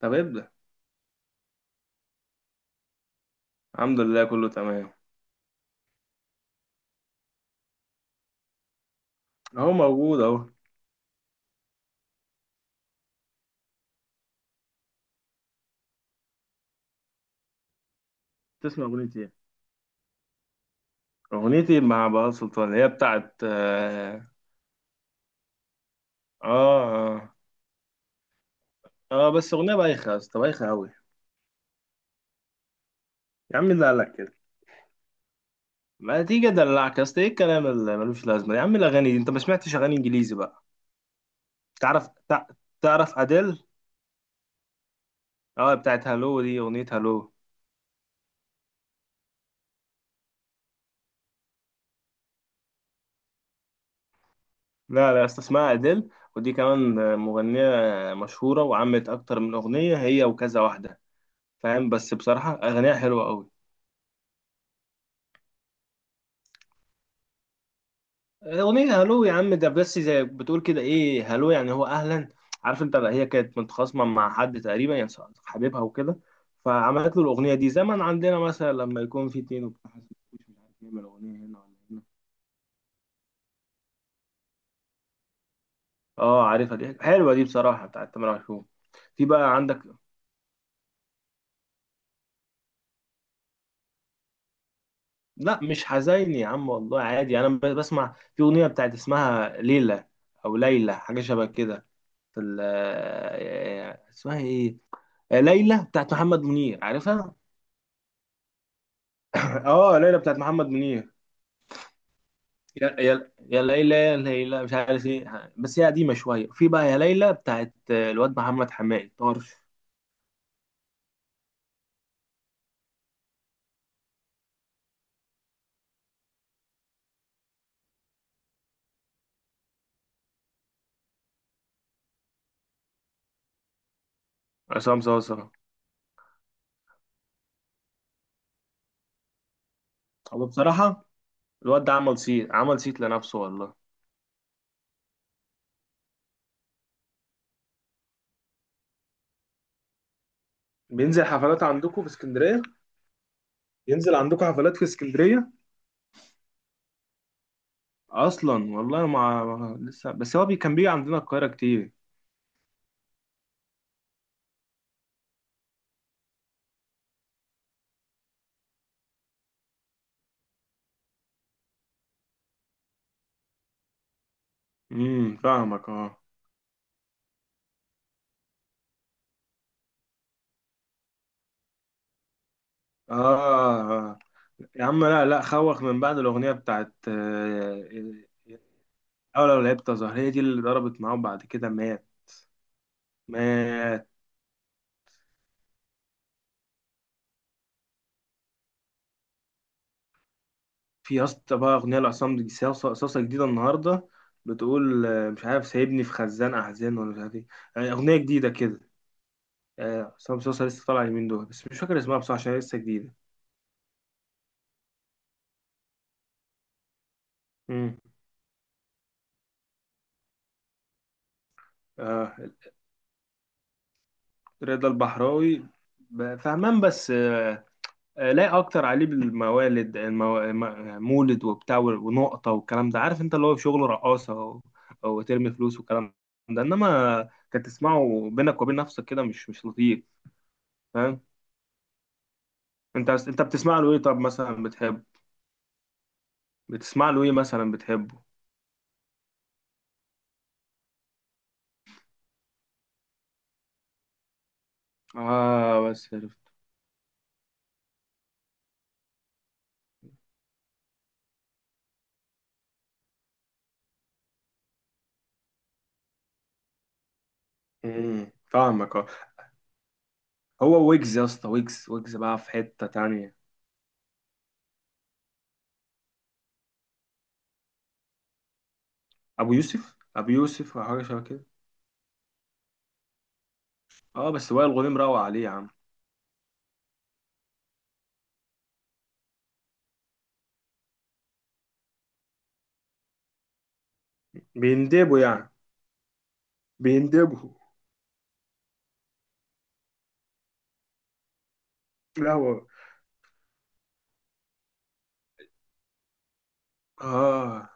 طب ابدأ. الحمد لله كله تمام. اهو موجود اهو. تسمع أغنية إيه؟ اغنيتي مع بهاء سلطان اللي هي بتاعت اه, آه آه، بس اغنية بايخة يا اسطى بايخة اوي. يا عم اللي قالك كده ما تيجي ادلعك يا اسطى، ايه الكلام اللي ملوش لازمة يا عم؟ الاغاني دي انت ما سمعتش اغاني انجليزي بقى؟ تعرف تع- تعرف اديل؟ اه بتاعت هالو، دي اغنية هالو. لا لا يا اسطى اسمها اديل، ودي كمان آه، مغنية مشهورة وعملت اكتر من اغنية هي وكذا واحدة. فاهم، بس بصراحة اغانيها حلوة أوي. أغنية هلو يا عم ده بس زي بتقول كده إيه، هلو يعني هو أهلا. عارف أنت بقى هي كانت متخاصمة مع حد تقريبا يعني، حبيبها وكده. فعملت له الأغنية دي. زمن عندنا مثلا لما يكون في اتنين وبتاع حاسس مش عارف يعمل أغنية هنا ولا هنا. أه عارفها دي، حلوة دي بصراحة بتاعت تامر عاشور. في بقى عندك. لا مش حزيني يا عم والله عادي، أنا بسمع في أغنية بتاعت اسمها ليلى، أو ليلى حاجة شبه كده. في اسمها إيه، آه، ليلى بتاعت محمد منير، عارفها؟ اه ليلى بتاعت محمد منير. يا يا يا ليلى يا ليلى مش عارف ايه، بس هي قديمه شويه. في بقى يا ليلى بتاعت الواد محمد حماقي طرش. عصام صاصا. هو بصراحة الواد ده عمل صيت، عمل صيت لنفسه والله. بينزل حفلات عندكم في اسكندرية؟ ينزل عندكم حفلات في اسكندرية؟ اصلا والله لسه، بس هو بي كان بيجي عندنا القاهره كتير. فاهمك اه. آه آه. يا عم لا لا خوخ، من بعد الأغنية بتاعت أو لو لعبت أزهر، هي دي اللي ضربت معاه وبعد كده مات. مات. في يا اسطى بقى أغنية لعصام دي صاصة صاصة جديدة النهاردة، بتقول مش عارف سايبني في خزان أحزان ولا مش عارف إيه، آه، أغنية جديدة كده، آه، عصام صاصة لسه طالعة اليومين دول، بس مش فاكر اسمها بصراحة عشان هي لسه جديدة. مم. آه، رضا البحراوي فهمان، بس لا اكتر عليه بالموالد مولد وبتاع ونقطه والكلام ده، عارف انت اللي هو شغل رقاصه و... وترمي فلوس والكلام ده، انما كانت تسمعه بينك وبين نفسك كده مش مش لطيف. فاهم. انت بتسمع له ايه؟ طب مثلا بتحبه؟ بتسمع له ايه مثلا بتحبه؟ اه بس عرفت. فاهمك اه. هو ويجز يا اسطى، ويجز ويجز بقى في حته تانية. ابو يوسف، ابو يوسف او حاجه شبه كده. اه بس وائل غنيم روق عليه يا عم. بيندبوا يعني. بيندبوا. لا هو اه.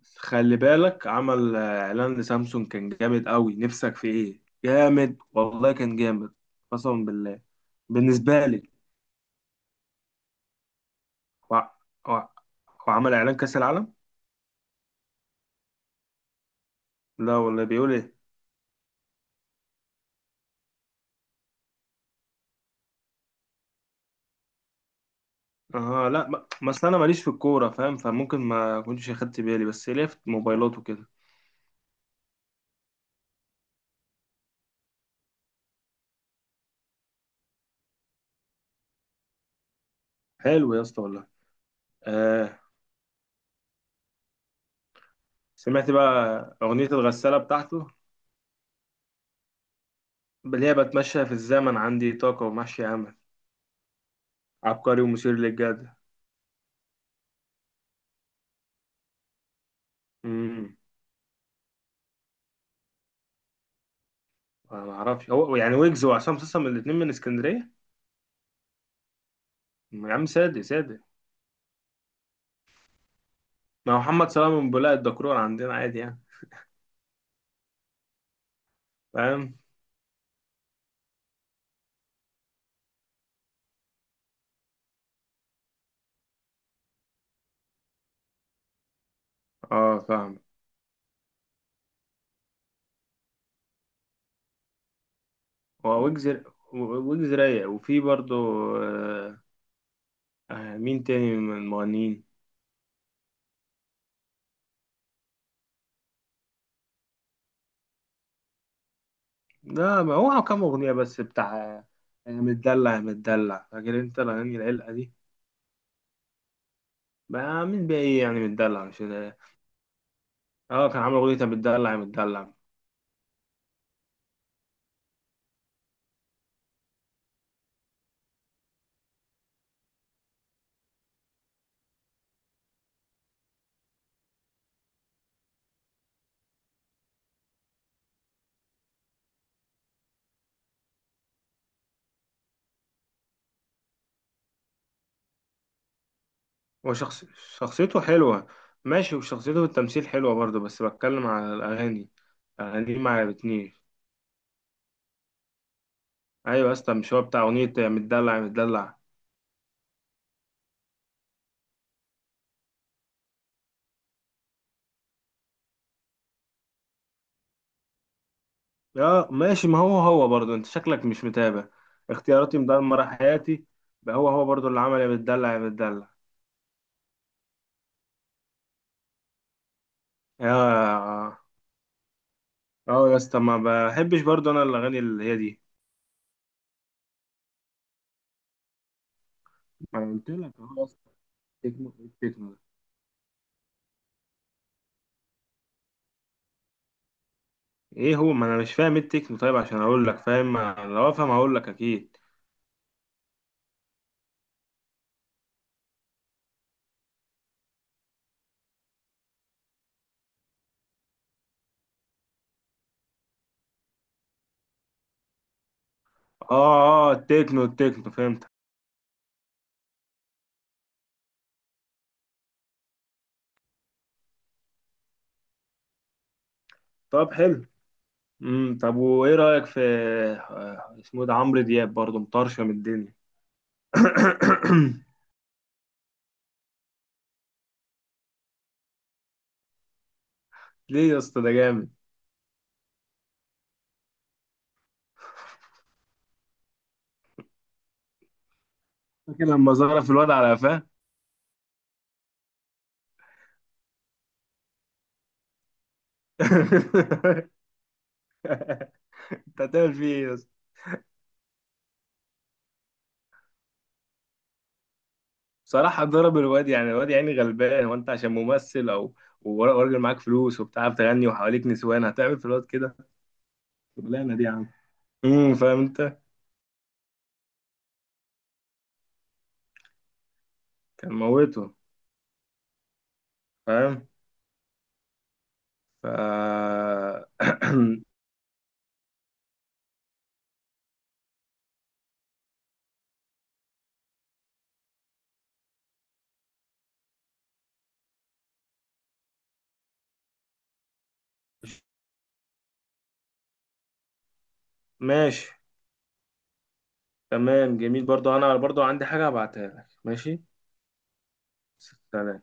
بس خلي بالك عمل اعلان لسامسونج كان جامد قوي، نفسك في ايه جامد، والله كان جامد. قسما بالله. بالنسبه لي، وع... وع... وعمل اعلان كاس العالم. لا والله بيقول ايه؟ اه لا ما ما اصل انا ماليش في الكوره فاهم، فممكن ما كنتش اخدت بالي، بس ليه في موبايلات وكده. حلو يا اسطى والله. آه. سمعت بقى اغنيه الغساله بتاعته، اللي هي بتمشى في الزمن، عندي طاقه ومحشي امل، عبقري ومثير للجدل. أنا ما اعرفش هو يعني، ويجز وعصام صاصا الاثنين من اسكندريه؟ يا عم سادة سادة. ما هو محمد صلاح من بولاق الدكرور عندنا عادي يعني. فاهم. اه فاهم. هو ويجز، ويجز رايق. وفي برضه آه، مين تاني من المغنيين؟ لا ما هو كام اغنيه بس بتاع متدلع يا متدلع، فاكر انت الاغاني العلقه دي؟ بقى مين بقى ايه يعني متدلع مش اه. آه، كان عامل اغنيه متدلع يا متدلع. هو شخص شخصيته حلوة ماشي، وشخصيته في التمثيل حلوة برضه، بس بتكلم على الأغاني. الأغاني ما عجبتنيش. أيوة يا اسطى مش هو بتاع أغنية يا متدلع يا متدلع؟ يا ماشي، ما هو هو برضه أنت شكلك مش متابع. اختياراتي مدمرة حياتي. بقى هو هو برضه اللي عمل يا متدلع يا متدلع. يا اه يا اسطى، ما بحبش برضه أنا الأغاني اللي هي دي. ما أنا قلت لك أهو يا اسطى، التكنو، التكنو ده إيه هو؟ ما أنا مش فاهم إيه التكنو طيب عشان أقول لك فاهم. لو أفهم هقول لك أكيد. اه اه التكنو، التكنو فهمت. طب حلو. امم، طب وايه رأيك في اسمه ده عمرو دياب؟ برضه مطرشم الدنيا. ليه يا اسطى؟ ده جامد. فاكر لما ظرف الواد على قفاه؟ انت هتعمل فيه ايه يا اسطى؟ بصراحة ضرب الواد يعني، الواد يعني غلبان، هو انت عشان ممثل او وراجل معاك فلوس وبتعرف تغني وحواليك نسوان هتعمل في الواد كده؟ شغلانة دي يا عم. فاهم انت. كان موته. فاهم. ف ماشي. تمام جميل، برضو انا برضو عندي حاجة هبعتها لك. ماشي، سلام.